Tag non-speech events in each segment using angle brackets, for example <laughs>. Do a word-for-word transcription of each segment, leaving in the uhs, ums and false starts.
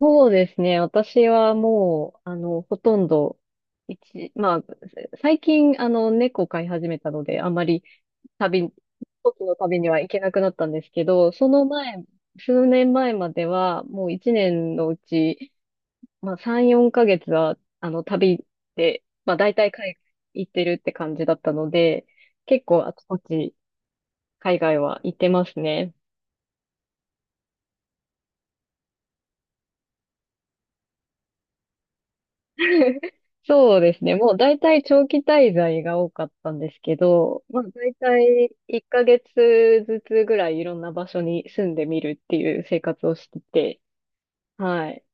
そうですね。私はもう、あの、ほとんど、一、まあ、最近、あの、猫飼い始めたので、あんまり旅、時の旅には行けなくなったんですけど、その前、数年前までは、もう一年のうち、まあ、さん、よんかげつは、あの、旅で、まあ、大体海外行ってるって感じだったので、結構あちこち海外は行ってますね。<laughs> そうですね。もう大体長期滞在が多かったんですけど、まあ大体いっかげつずつぐらいいろんな場所に住んでみるっていう生活をしてて、はい。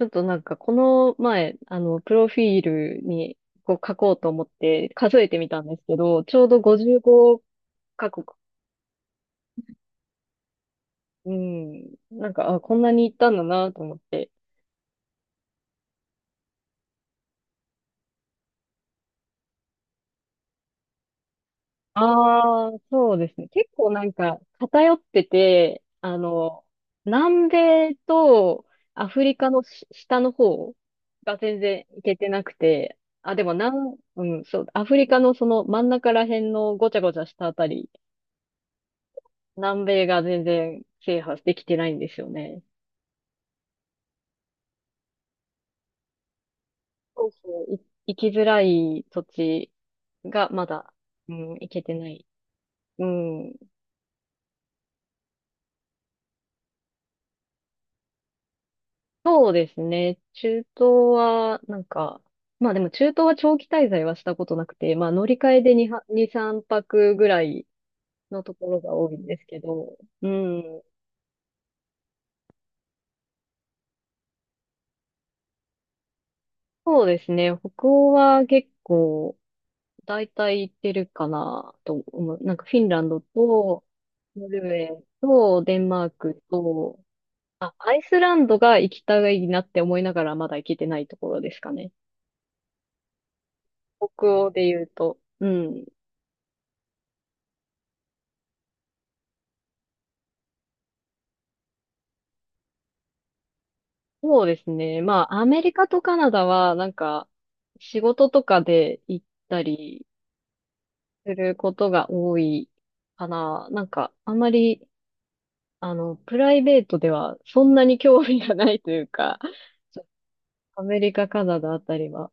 ちょっとなんかこの前、あの、プロフィールにこう書こうと思って数えてみたんですけど、ちょうどごじゅうごカ国、うん、なんか、あ、こんなに行ったんだなと思って、ああ、そうですね。結構なんか偏ってて、あの、南米とアフリカのし下の方が全然行けてなくて、あ、でも南、うん、そう、アフリカのその真ん中ら辺のごちゃごちゃしたあたり、南米が全然制覇できてないんですよね。そうそう、い行きづらい土地がまだ、うん、行けてない。うん、そうですね。中東は、なんか、まあでも中東は長期滞在はしたことなくて、まあ乗り換えでに、に、さんぱくぐらいのところが多いんですけど、うん。そうですね。北欧は結構、大体行ってるかなと思う。なんかフィンランドと、ノルウェーと、デンマークと、あ、アイスランドが行きたいなって思いながらまだ行けてないところですかね。北欧で言うと。うん。そうですね。まあ、アメリカとカナダは、なんか、仕事とかで行ったりすることが多いかな。なんか、あまり、あの、プライベートではそんなに興味がないというか、ちょアメリカ、カナダあたりは、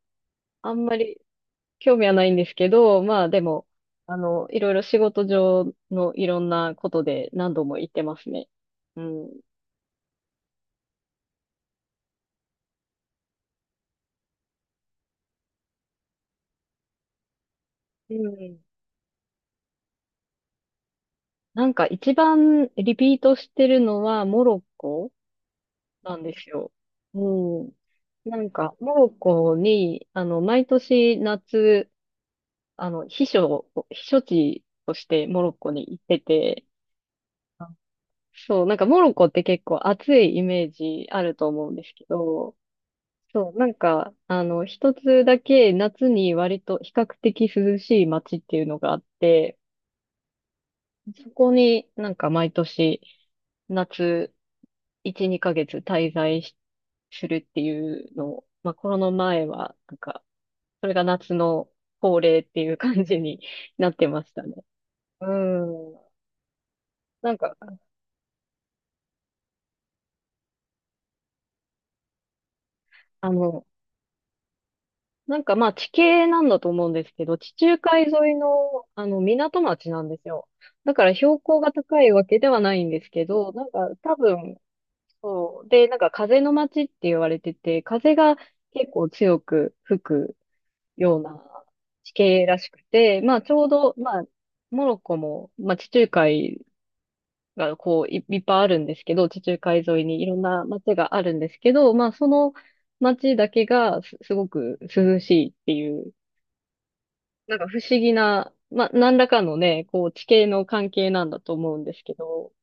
あんまり興味はないんですけど、まあ、でも、あの、いろいろ仕事上のいろんなことで何度も行ってますね。うん。うん。なんか一番リピートしてるのはモロッコ。なんですよ。うん。なんか、モロッコに、あの、毎年夏、あの、避暑、避暑地としてモロッコに行ってて、あそう、なんかモロッコって結構暑いイメージあると思うんですけど、そう、なんか、あの、一つだけ夏に割と比較的涼しい街っていうのがあって、そこになんか毎年夏いち、にかげつ滞在しするっていうのを、まあコロナ前はなんかそれが夏の恒例っていう感じになってましたね。うん。なんか、あの、なんかまあ地形なんだと思うんですけど、地中海沿いの、あの港町なんですよ。だから標高が高いわけではないんですけど、なんか多分そう。で、なんか風の街って言われてて、風が結構強く吹くような地形らしくて、まあちょうど、まあ、モロッコも、まあ地中海がこうい、いっぱいあるんですけど、地中海沿いにいろんな街があるんですけど、まあその街だけがす、すごく涼しいっていう、なんか不思議な、まあ何らかのね、こう地形の関係なんだと思うんですけど、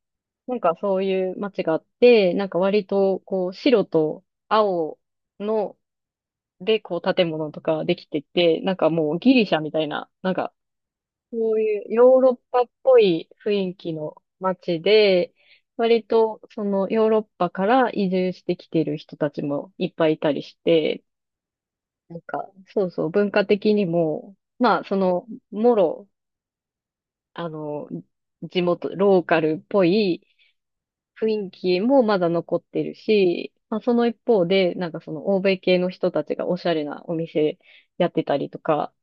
なんかそういう街があって、なんか割とこう白と青のでこう建物とかできてて、なんかもうギリシャみたいな、なんかそういうヨーロッパっぽい雰囲気の街で、割とそのヨーロッパから移住してきてる人たちもいっぱいいたりして、なんかそうそう文化的にも、まあそのもろ、あの、地元、ローカルっぽい、雰囲気もまだ残ってるし、まあ、その一方で、なんかその欧米系の人たちがおしゃれなお店やってたりとか、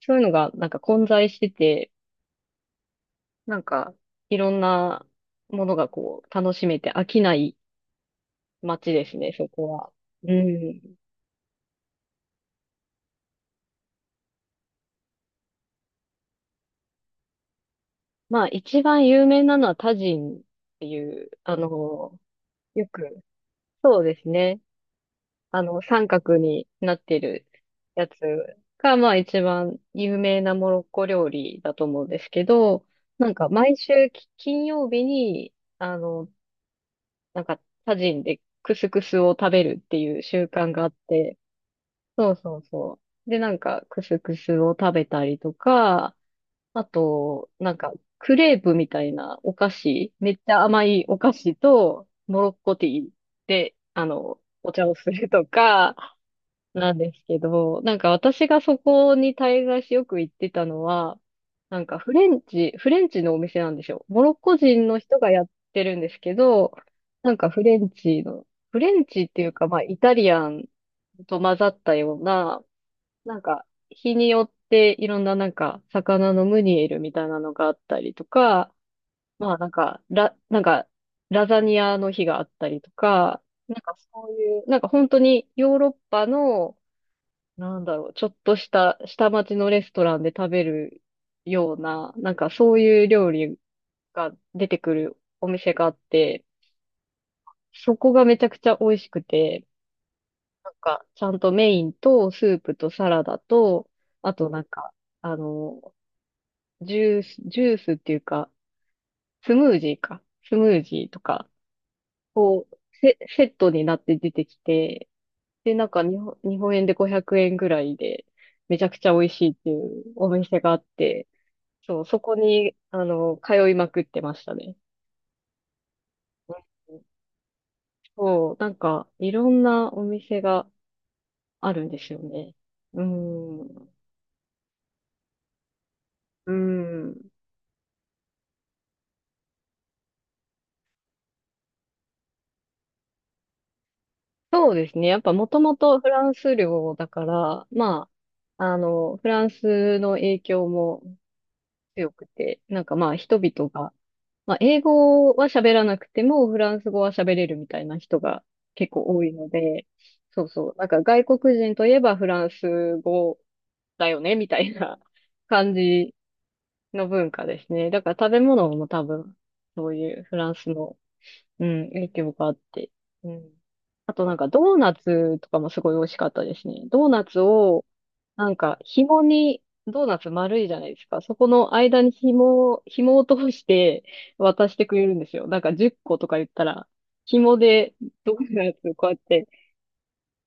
そういうのがなんか混在してて、なんかいろんなものがこう楽しめて飽きない街ですね、そこは。うん。まあ一番有名なのはタジンっていう、あの、よく、そうですね。あの、三角になってるやつが、まあ一番有名なモロッコ料理だと思うんですけど、なんか毎週き金曜日に、あの、なんかタジンでクスクスを食べるっていう習慣があって、そうそうそう。で、なんかクスクスを食べたりとか、あと、なんかクレープみたいなお菓子、めっちゃ甘いお菓子と、モロッコティーで、あの、お茶をするとか、なんですけど、なんか私がそこに滞在しよく行ってたのは、なんかフレンチ、フレンチのお店なんですよ。モロッコ人の人がやってるんですけど、なんかフレンチの、フレンチっていうかまあイタリアンと混ざったような、なんか日によっていろんななんか魚のムニエルみたいなのがあったりとか、まあなんかラ、なんかラザニアの日があったりとか、なんかそういう、なんか本当にヨーロッパのなんだろう、ちょっとした下町のレストランで食べるような、なんかそういう料理が出てくるお店があって、そこがめちゃくちゃ美味しくて、なんかちゃんとメインとスープとサラダと、あとなんか、あの、ジュース、ジュースっていうか、スムージーか、スムージーとか、こう、セ、セットになって出てきて、で、なんか日本、日本円でごひゃくえんぐらいで、めちゃくちゃ美味しいっていうお店があって、そう、そこに、あの、通いまくってましたね。うんそう、なんか、いろんなお店があるんですよね。うん。うん。そうですね。やっぱもともとフランス領だから、まあ、あの、フランスの影響も強くて、なんかまあ人々がまあ、英語は喋らなくても、フランス語は喋れるみたいな人が結構多いので、そうそう。なんか外国人といえばフランス語だよね、みたいな <laughs> 感じの文化ですね。だから食べ物も多分、そういうフランスの、うん、影響があって。うん。あとなんかドーナツとかもすごい美味しかったですね。ドーナツを、なんか、紐に、ドーナツ丸いじゃないですか。そこの間に紐を、紐を通して渡してくれるんですよ。なんかじゅっことか言ったら、紐でドーナツをこうやって、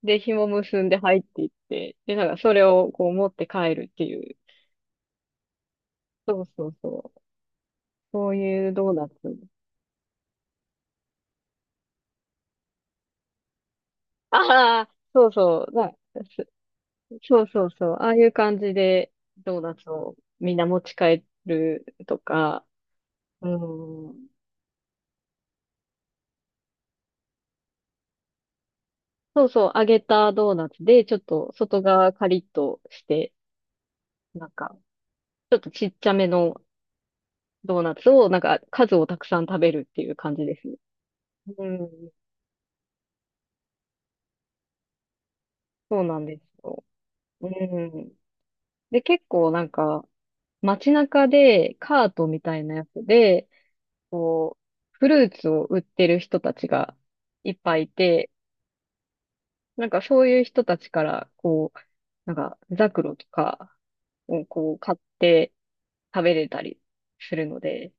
で、紐結んで入っていって、で、なんかそれをこう持って帰るっていう。そうそうそう。そういうドーナツ。ああ、そうそう。な、すそうそうそう。ああいう感じでドーナツをみんな持ち帰るとか、うん。そうそう、揚げたドーナツで、ちょっと外側カリッとして、なんか、ちょっとちっちゃめのドーナツを、なんか、数をたくさん食べるっていう感じですね。うん、そうなんですよ。うん。で、結構なんか、街中でカートみたいなやつで、こう、フルーツを売ってる人たちがいっぱいいて、なんかそういう人たちから、こう、なんか、ザクロとかをこう買って食べれたりするので、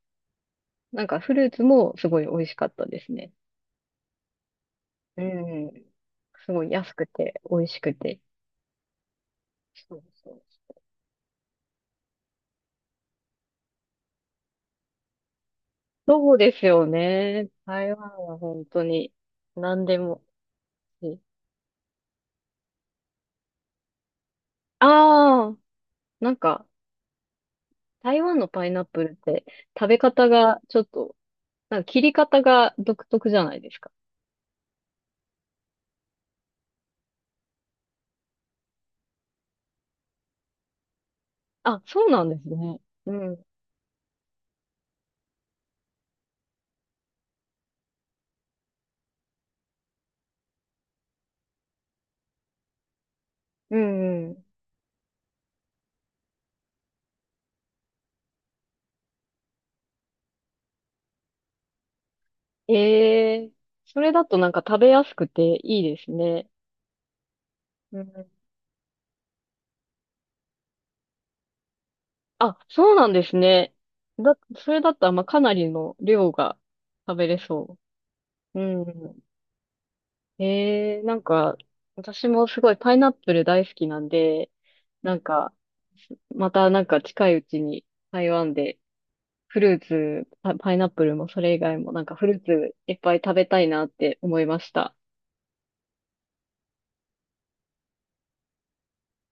なんかフルーツもすごい美味しかったですね。うん。すごい安くて美味しくて。そうそうそう。ですよね。台湾は本当に何でもいい。ああ、なんか台湾のパイナップルって食べ方がちょっと、なんか切り方が独特じゃないですか。あ、そうなんですね。うん。うんうん。ええ、それだとなんか食べやすくていいですね。うん、あ、そうなんですね。だ、それだったら、まあ、かなりの量が食べれそう。うん。ええ、なんか、私もすごいパイナップル大好きなんで、なんか、またなんか近いうちに台湾でフルーツ、パ、パイナップルもそれ以外もなんかフルーツいっぱい食べたいなって思いました。